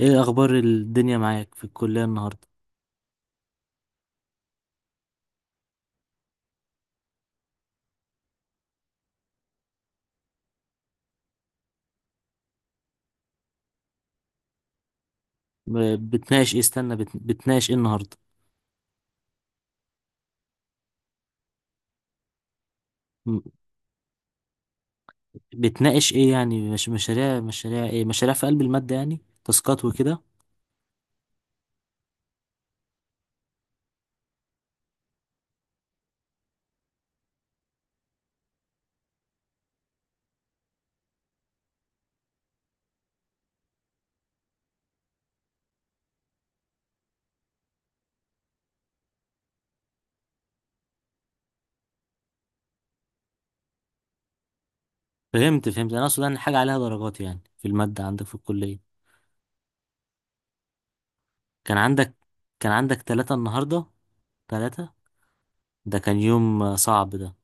ايه اخبار الدنيا معاك في الكلية النهاردة؟ بتناقش ايه؟ استنى، بتناقش ايه النهاردة؟ م- بتناقش ايه يعني؟ مش مشاريع، مشاريع ايه؟ مشاريع في قلب المادة يعني، تاسكات وكده. فهمت. انا اقصد ان حاجة عليها درجات يعني، في المادة عندك في الكلية. كان عندك كان عندك ثلاثة النهاردة؟ ثلاثة. ده كان يوم صعب ده.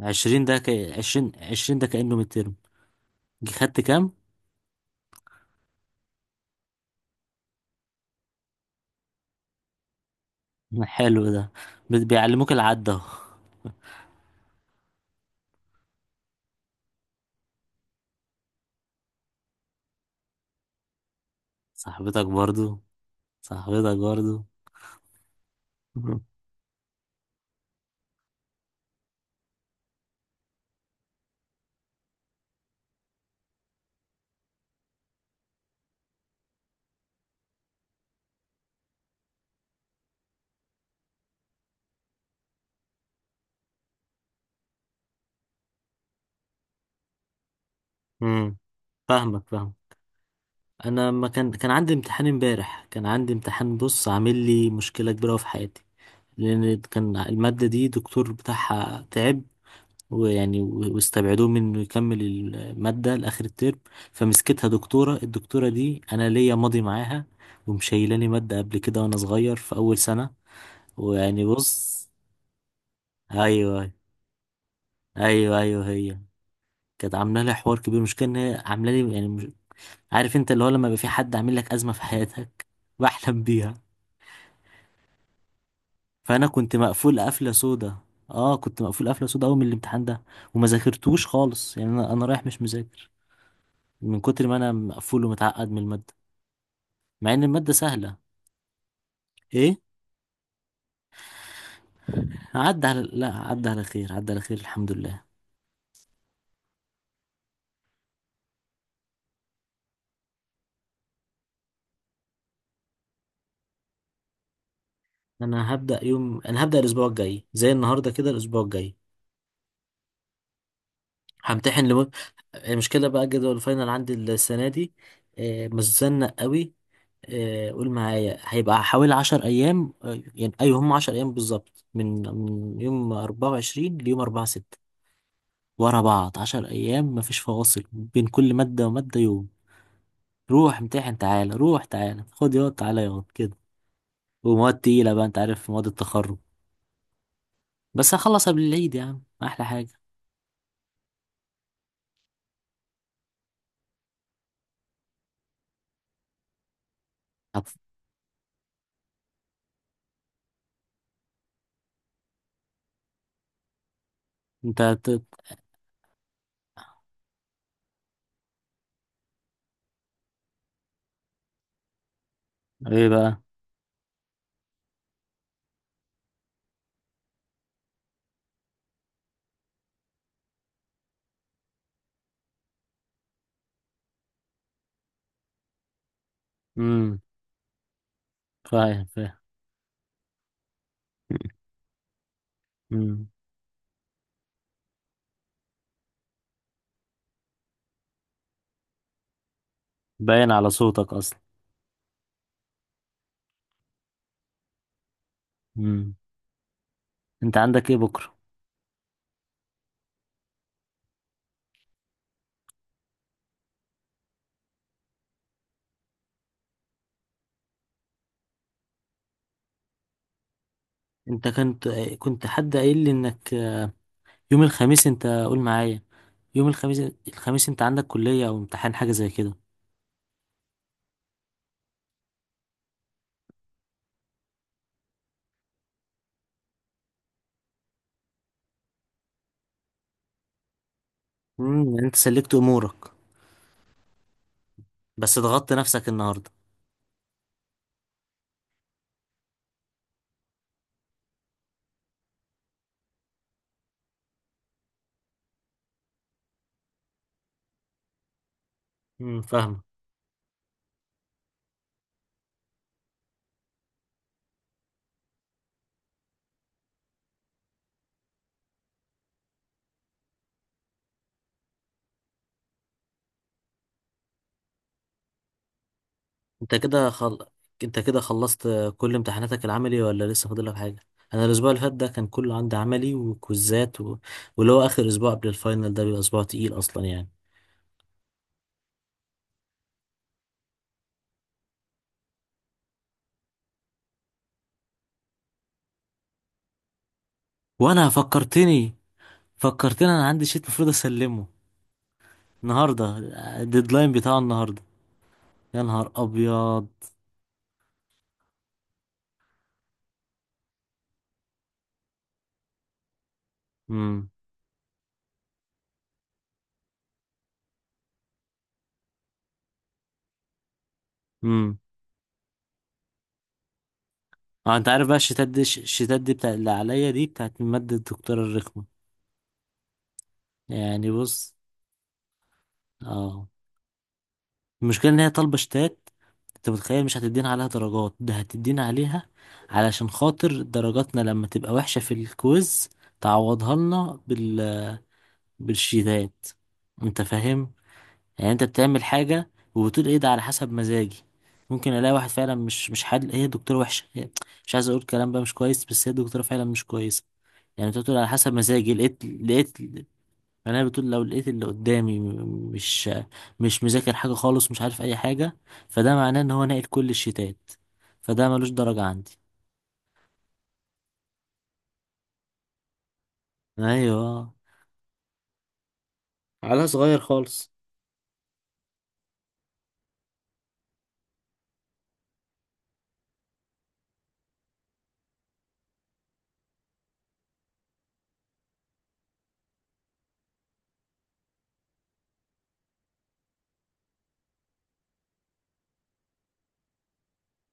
عشرين ده ك... عشرين ده كأنه مترم. خدت كام؟ حلو ده. بيعلموك العد اهو. صاحبتك برضو؟ صاحبتك برضو؟ امم. فاهمك، فاهم. انا ما كان كان عندي امتحان امبارح، كان عندي امتحان بص، عامل لي مشكله كبيره أوي في حياتي. لان كان الماده دي دكتور بتاعها تعب، ويعني واستبعدوه من انه يكمل الماده لاخر الترم. فمسكتها دكتوره، الدكتوره دي انا ليا ماضي معاها، ومشيلاني ماده قبل كده وانا صغير في اول سنه. ويعني بص. ايوه، ايوه، ايوه، هي. كانت عامله لي حوار كبير، مش كان هي عامله لي يعني. عارف انت اللي هو، لما يبقى في حد عامل لك أزمة في حياتك بحلم بيها. فأنا كنت مقفول قفلة سودا. اه، كنت مقفول قفلة سودا أوي من الامتحان ده، وما ذاكرتوش خالص يعني. أنا رايح مش مذاكر، من كتر ما أنا مقفول ومتعقد من المادة، مع إن المادة سهلة. ايه؟ عدى على لا، عدى على خير، الحمد لله. انا هبدأ الاسبوع الجاي زي النهارده كده، الاسبوع الجاي. همتحن، لم... المشكله بقى جدول الفاينل عندي السنه دي. متزنق قوي. قول معايا هيبقى حوالي عشر أيام. يعني أيوة، هم عشر أيام بالظبط، من يوم أربعة وعشرين ليوم أربعة ستة، ورا بعض عشر أيام، مفيش فواصل بين كل مادة ومادة يوم. روح امتحن، تعالى، روح، تعالى خد ياض، تعالى ياض كده. ومواد تقيلة بقى، أنت عارف مواد التخرج. بس هخلص قبل العيد يا عم، أحلى حاجة. هت- أنت هت- إيه بقى؟ امم، فاهم فاهم. امم. باين على صوتك أصلا. امم. أنت عندك إيه بكرة؟ انت كنت حد قايل لي انك يوم الخميس، انت قول معايا، يوم الخميس. الخميس انت عندك كلية او امتحان، حاجة زي كده؟ امم، يعني انت سلكت امورك. بس ضغطت نفسك النهاردة. امم، فاهم. انت كده خل... انت كده خلصت كل امتحاناتك العملي، ولا لسه فاضل لك حاجة؟ انا الاسبوع اللي فات ده كان كله عندي عملي وكوزات، واللي هو اخر اسبوع قبل الفاينل ده بيبقى اسبوع تقيل اصلا يعني. وانا فكرتني، انا عندي شيت المفروض اسلمه النهارده، الديدلاين بتاعه النهارده. يا نهار ابيض. امم. امم. اه، انت عارف بقى، الشتات دي بتاع اللي عليا دي، بتاعت مادة الدكتورة الرخمة يعني. بص، اه. المشكلة ان هي طالبة شتات. انت متخيل؟ مش هتدينا عليها درجات؟ ده هتدينا عليها علشان خاطر درجاتنا لما تبقى وحشة في الكويز تعوضها لنا بالشتات. انت فاهم؟ يعني انت بتعمل حاجة وبتقول ايه ده، على حسب مزاجي. ممكن الاقي واحد فعلا مش حد. هي دكتورة وحشة، مش عايز اقول كلام بقى مش كويس، بس هي الدكتورة فعلا مش كويسة. يعني انت بتقول على حسب مزاجي، لقيت يعني. انا بتقول لو لقيت اللي قدامي مش مذاكر حاجة خالص، مش عارف اي حاجة، فده معناه ان هو ناقل كل الشتات، فده ملوش درجة عندي. ايوه. على صغير خالص.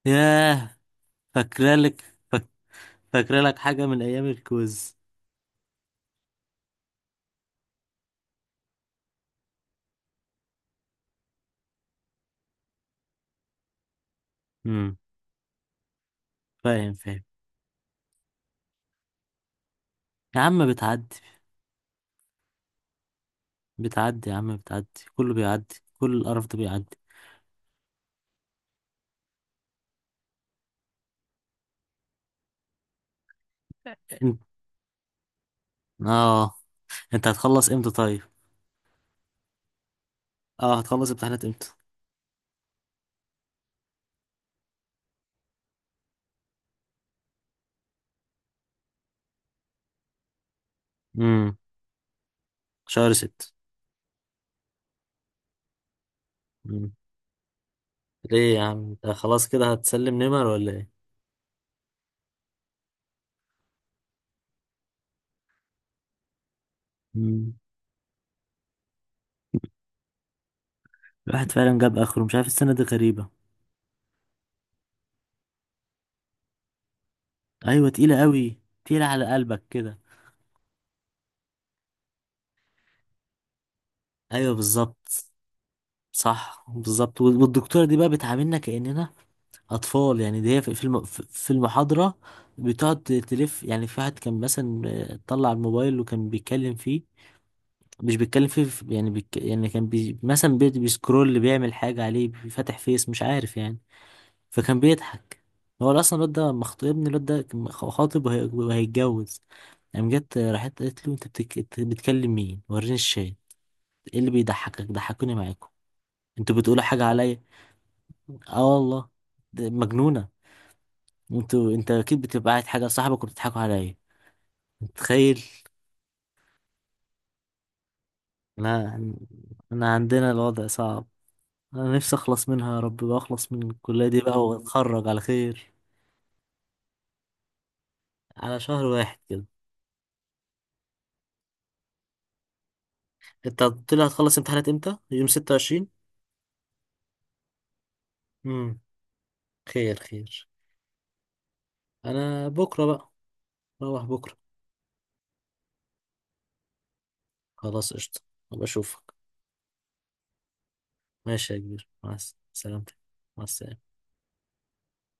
ياه. فاكرالك فاك- فاكرالك حاجة من ايام الكوز؟ امم، فاهم فاهم. يا عم بتعدي، بتعدي يا عم، بتعدي. كله بيعدي، كل القرف ده بيعدي. انت، اه، انت هتخلص امتى طيب؟ اه، هتخلص امتحانات امتى؟ امم. شهر ست. امم. ليه يا عم، انت خلاص كده هتسلم نمر ولا ايه؟ امم. الواحد فعلا جاب اخره، مش عارف، السنه دي غريبه. ايوه، تقيله قوي. تقيله على قلبك كده. ايوه بالظبط. صح بالظبط، والدكتوره دي بقى بتعاملنا كاننا اطفال يعني. دي هي في في المحاضره بتقعد تلف يعني. في واحد كان مثلا طلع الموبايل وكان بيتكلم فيه، مش بيتكلم فيه يعني بيك، يعني كان بي مثلا بي بيسكرول، بيعمل حاجه عليه، بيفتح فيس مش عارف يعني، فكان بيضحك. هو اصلا الواد ده مخطوب، ابن الواد ده كان خاطب وهيتجوز. قام جت راحت قالت له: إنت بتكلم مين؟ وريني الشات. ايه اللي بيضحكك؟ ضحكوني معاكم، انتوا بتقولوا حاجه عليا؟ اه والله، ده مجنونه. انت اكيد بتبقى قاعد حاجه صاحبك وبتضحكوا عليا. متخيل؟ انا انا عندنا الوضع صعب. انا نفسي اخلص منها يا رب، بقى اخلص من الكليه دي بقى واتخرج على خير. على شهر واحد كده. انت قلت لي هتخلص امتحانات امتى؟ يوم 26. امم، خير خير. انا بكره بقى. روح بكره. خلاص قشطه. وبشوفك. ماشي يا كبير، مع سلامتك. مع السلامه.